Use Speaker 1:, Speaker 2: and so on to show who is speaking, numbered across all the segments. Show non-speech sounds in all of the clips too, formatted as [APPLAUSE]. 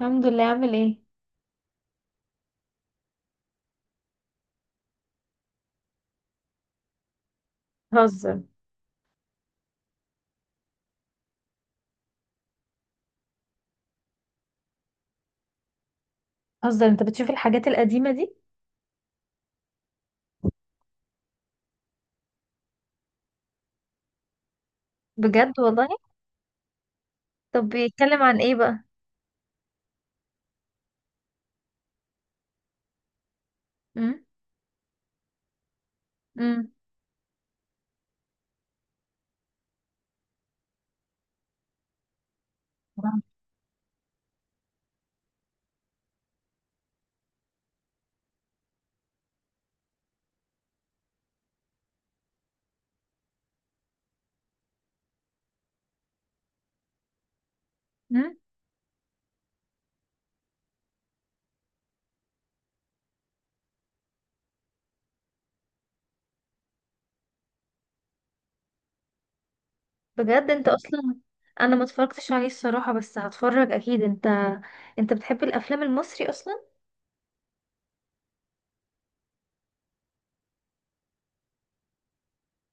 Speaker 1: الحمد لله. عامل ايه؟ هزر هزر. انت بتشوف الحاجات القديمة دي؟ بجد والله. طب بيتكلم عن ايه بقى؟ امم امم نعم. امم بجد؟ انت اصلا... انا ما اتفرجتش عليه الصراحة، بس هتفرج اكيد. انت بتحب الافلام المصري اصلا؟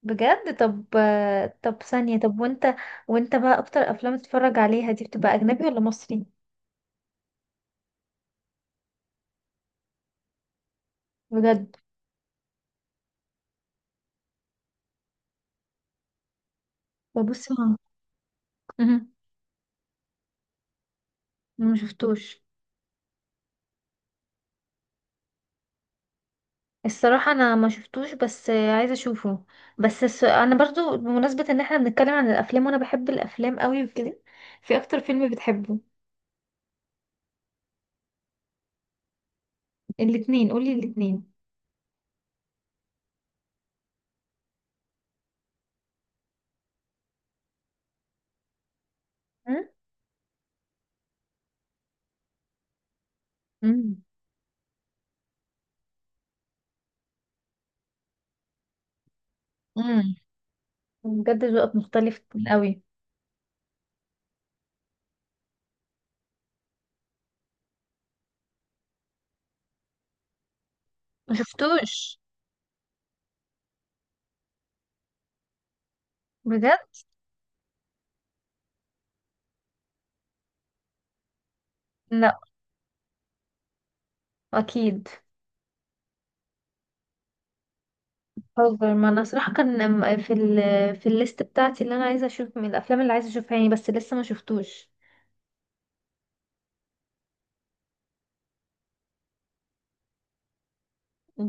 Speaker 1: بجد؟ طب ثانية، طب وانت بقى اكتر افلام تتفرج عليها دي بتبقى اجنبي ولا مصري؟ بجد. ببص ما مم. ما شفتوش. الصراحة انا ما شفتوش، بس عايزة اشوفه. بس انا برضو بمناسبة ان احنا بنتكلم عن الافلام، وانا بحب الافلام قوي وكده، في اكتر فيلم بتحبه؟ الاتنين، قولي الاتنين. مم؟ مم. امم بجد، ذوقك مختلف قوي. ما شفتوش. بجد؟ لا، اكيد. هوفر، ما انا صراحة كان في الليست بتاعتي اللي انا عايزة اشوف من الافلام اللي عايزة اشوفها يعني، بس لسه ما شفتوش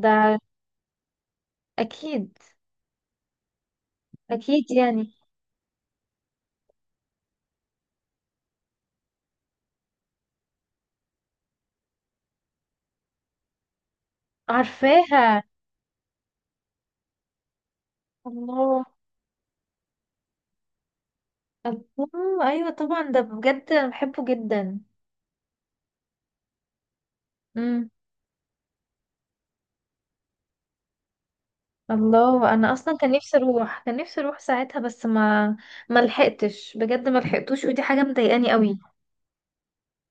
Speaker 1: ده. اكيد، اكيد يعني. عارفاها. الله. الله ايوه طبعا، ده بجد انا بحبه جدا. امم. الله، انا اصلا كان نفسي اروح، كان نفسي اروح ساعتها، بس ما لحقتش، بجد ما لحقتوش، ودي حاجه مضايقاني قوي.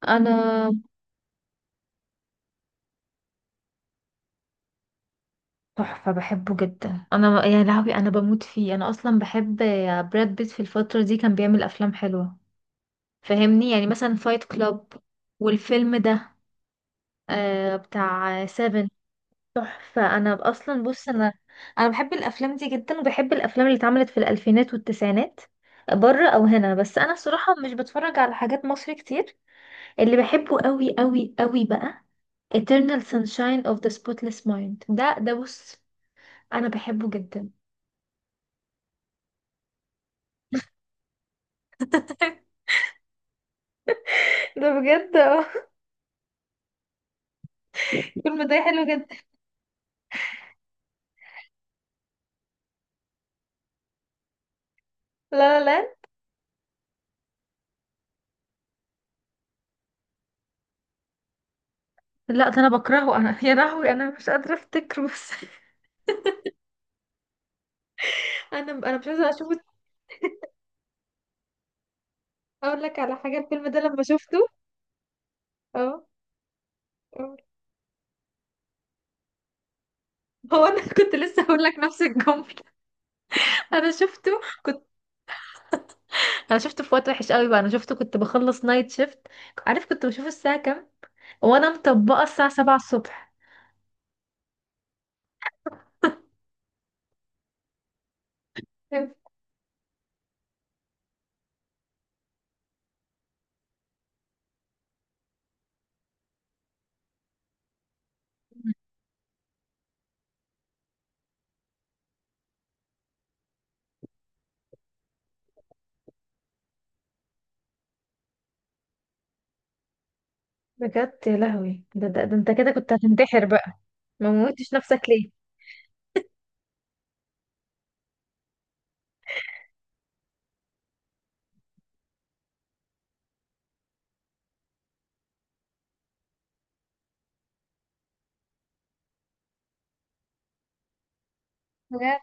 Speaker 1: انا، تحفه، بحبه جدا انا يا لهوي، انا بموت فيه، انا اصلا بحب براد بيت في الفتره دي. كان بيعمل افلام حلوه، فاهمني؟ يعني مثلا فايت كلاب، والفيلم ده بتاع سيفن. تحفة. انا اصلا بص، انا بحب الافلام دي جدا، وبحب الافلام اللي اتعملت في الالفينات والتسعينات، بره او هنا. بس انا الصراحة مش بتفرج على حاجات مصري كتير. اللي بحبه قوي قوي قوي بقى Eternal Sunshine of the Spotless Mind. ده بص، انا بحبه جدا. [LAUGHS] ده بجد، اه. الفيلم ده حلو جدا. لا، لا، لا، لا ده انا بكرهه، انا يا لهوي انا مش قادره افتكره بس. [LAUGHS] انا مش عايزه اشوفه. اقول لك على حاجه، الفيلم ده لما شفته، اه، هو انا [LAUGHS] كنت لسه هقول لك نفس الجمله. انا شفته، كنت، انا شفته في وقت وحش قوي بقى. انا شفته كنت بخلص نايت شيفت. عارف كنت بشوف الساعه كام؟ وانا مطبقه، الساعه 7 الصبح. بجد يا لهوي، ده انت كده كنت هتنتحر بقى. ما موتش نفسك ليه؟ بجد،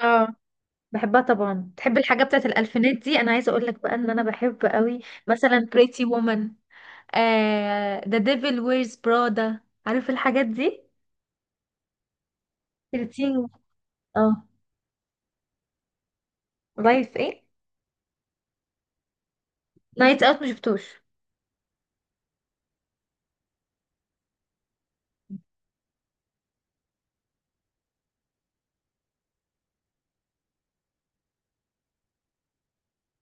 Speaker 1: اه، بحبها طبعا. تحب الحاجه بتاعت الالفينات دي؟ انا عايزه اقول لك بقى ان انا بحب قوي، مثلا بريتي وومن، ذا ديفل ويرز برادا. عارف الحاجات دي؟ 13. اه. لايف ايه؟ نايت اوت مشفتوش.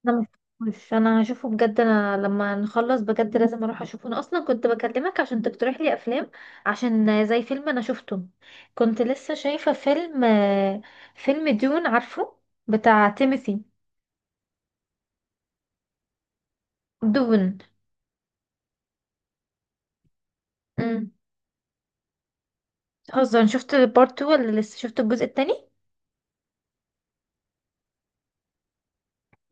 Speaker 1: انا مشفتوش، انا هشوفه بجد، انا لما نخلص بجد لازم اروح اشوفه. انا اصلا كنت بكلمك عشان تقترح لي افلام، عشان زي فيلم انا شفته، كنت لسه شايفه فيلم فيلم دون، عارفه؟ بتاع تيموثي. دون. امم. هزر، شفت البارت 2 ولا لسه؟ شفت الجزء التاني؟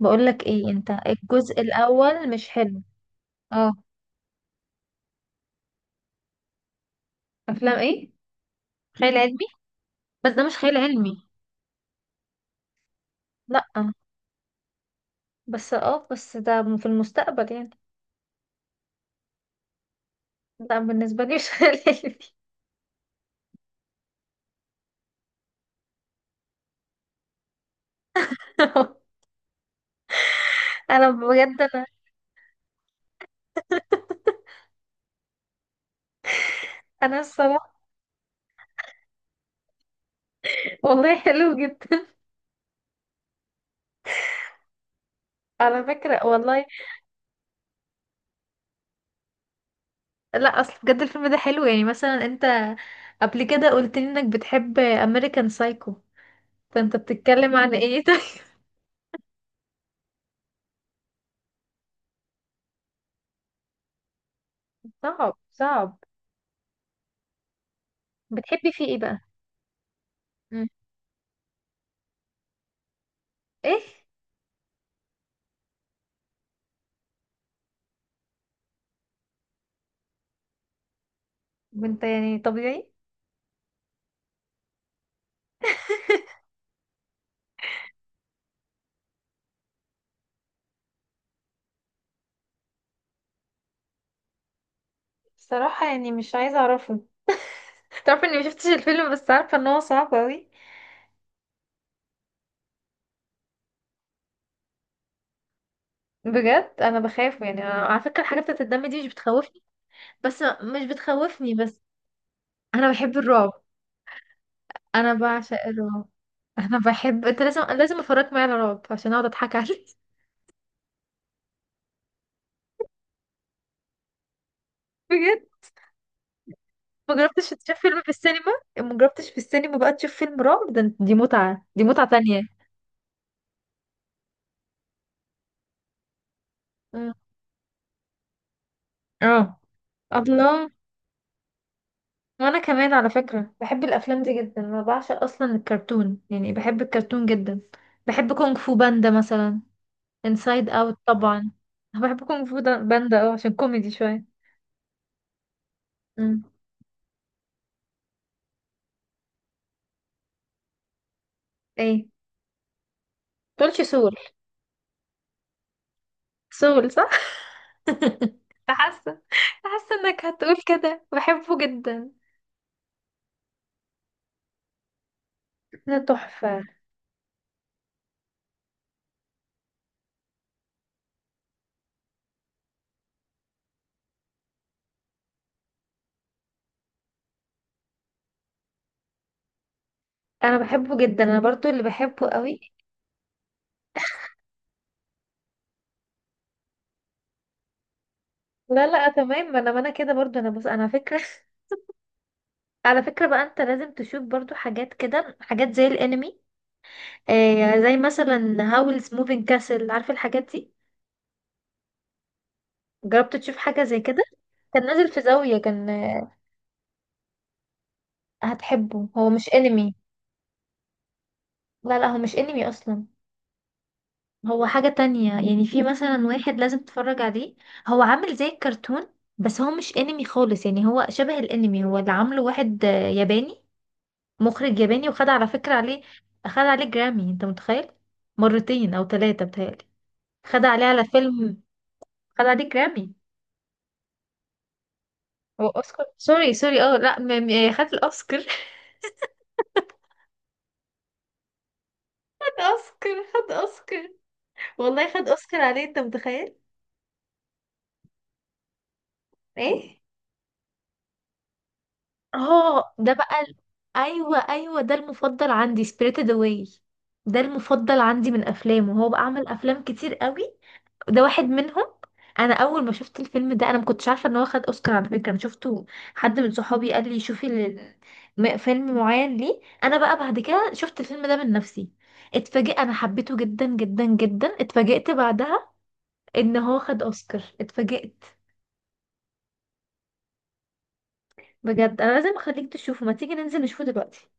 Speaker 1: بقول لك ايه، انت الجزء الاول مش حلو. اه. افلام ايه؟ خيال علمي. بس ده مش خيال علمي. لا، بس ده في المستقبل يعني. لا بالنسبة لي [LAUGHS] مش هلال دي. [LAUGHS] انا بجد، انا الصراحة والله حلو جدا، على فكرة والله. لا، اصل بجد الفيلم ده حلو، يعني مثلا انت قبل كده قلت لي انك بتحب امريكان سايكو، فانت بتتكلم عن، ايه ده؟ [LAUGHS] صعب، صعب. بتحبي فيه ايه بقى؟ مم. ايه؟ انت يعني طبيعي؟ صراحة يعني مش عايزة اعرفه. تعرف اني مشفتش الفيلم، بس عارفة ان هو صعب اوي. بجد انا بخاف يعني. أنا على فكرة الحاجات بتاعت الدم دي مش، بس مش بتخوفني بس. انا بحب الرعب. انا بعشق الرعب. انا بحب، انت لازم، لازم افرجك معايا على رعب عشان اقعد اضحك عليك. [LAUGHS] بجد؟ ما جربتش تشوف فيلم في السينما؟ ما جربتش في السينما بقى تشوف فيلم رعب؟ ده دي متعة، دي متعة تانية. مم. اه. الله. وانا كمان على فكرة بحب الافلام دي جدا، انا بعشق اصلا الكرتون، يعني بحب الكرتون جدا. بحب كونغ فو باندا مثلا. انسايد اوت طبعا. أنا بحب كونغ فو باندا، اه عشان كوميدي شوية. مم. ايه؟ تقولش سول؟ سول، صح. [LAUGHS] حاسه، حاسه انك هتقول كده. بحبه جدا، ده تحفه. انا بحبه جدا، انا برضو اللي بحبه قوي. لا، لا، تمام، ما انا كده برضو. انا بص، انا فكره. [LAUGHS] على فكره بقى، انت لازم تشوف برضو حاجات كده، حاجات زي الانمي، زي مثلا هاولز موفينج كاسل. عارف الحاجات دي؟ جربت تشوف حاجه زي كده؟ كان نازل في زاويه، كان، هتحبه، هو مش انمي. لا، لا، هو مش انمي اصلا. هو حاجة تانية يعني. في مثلا واحد لازم تتفرج عليه. هو عامل زي الكرتون، بس هو مش انمي خالص، يعني هو شبه الانمي. هو اللي عامله واحد ياباني، مخرج ياباني، وخد على فكرة عليه، خد عليه جرامي، انت متخيل؟ مرتين او ثلاثة بتهيألي. خد عليه على فيلم، خد عليه جرامي. هو اوسكار. سوري، سوري، اه لا، خد الاوسكار. [LAUGHS] خد اوسكار، خد اوسكار. والله خد اوسكار عليه، انت متخيل؟ ايه؟ اه، ده بقى ايوه، ايوه ده المفضل عندي، سبirited اواي. ده المفضل عندي من افلامه. هو بقى عمل افلام كتير قوي، ده واحد منهم. انا اول ما شفت الفيلم ده انا ما كنتش عارفه ان هو خد اوسكار، على فكره. انا شفته، حد من صحابي قال لي شوفي فيلم معين ليه. انا بقى بعد كده شفت الفيلم ده من نفسي، اتفاجئت. انا حبيته جدا جدا جدا. اتفاجئت بعدها ان هو خد اوسكار، اتفاجئت. بجد انا لازم اخليك تشوفه. ما تيجي ننزل نشوفه دلوقتي؟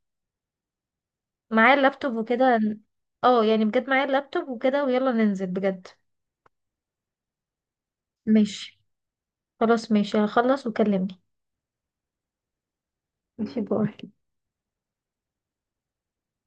Speaker 1: معايا اللابتوب وكده. اه يعني بجد معايا اللابتوب وكده، ويلا ننزل بجد. ماشي. خلاص ماشي، هخلص وكلمني. ماشي، باي.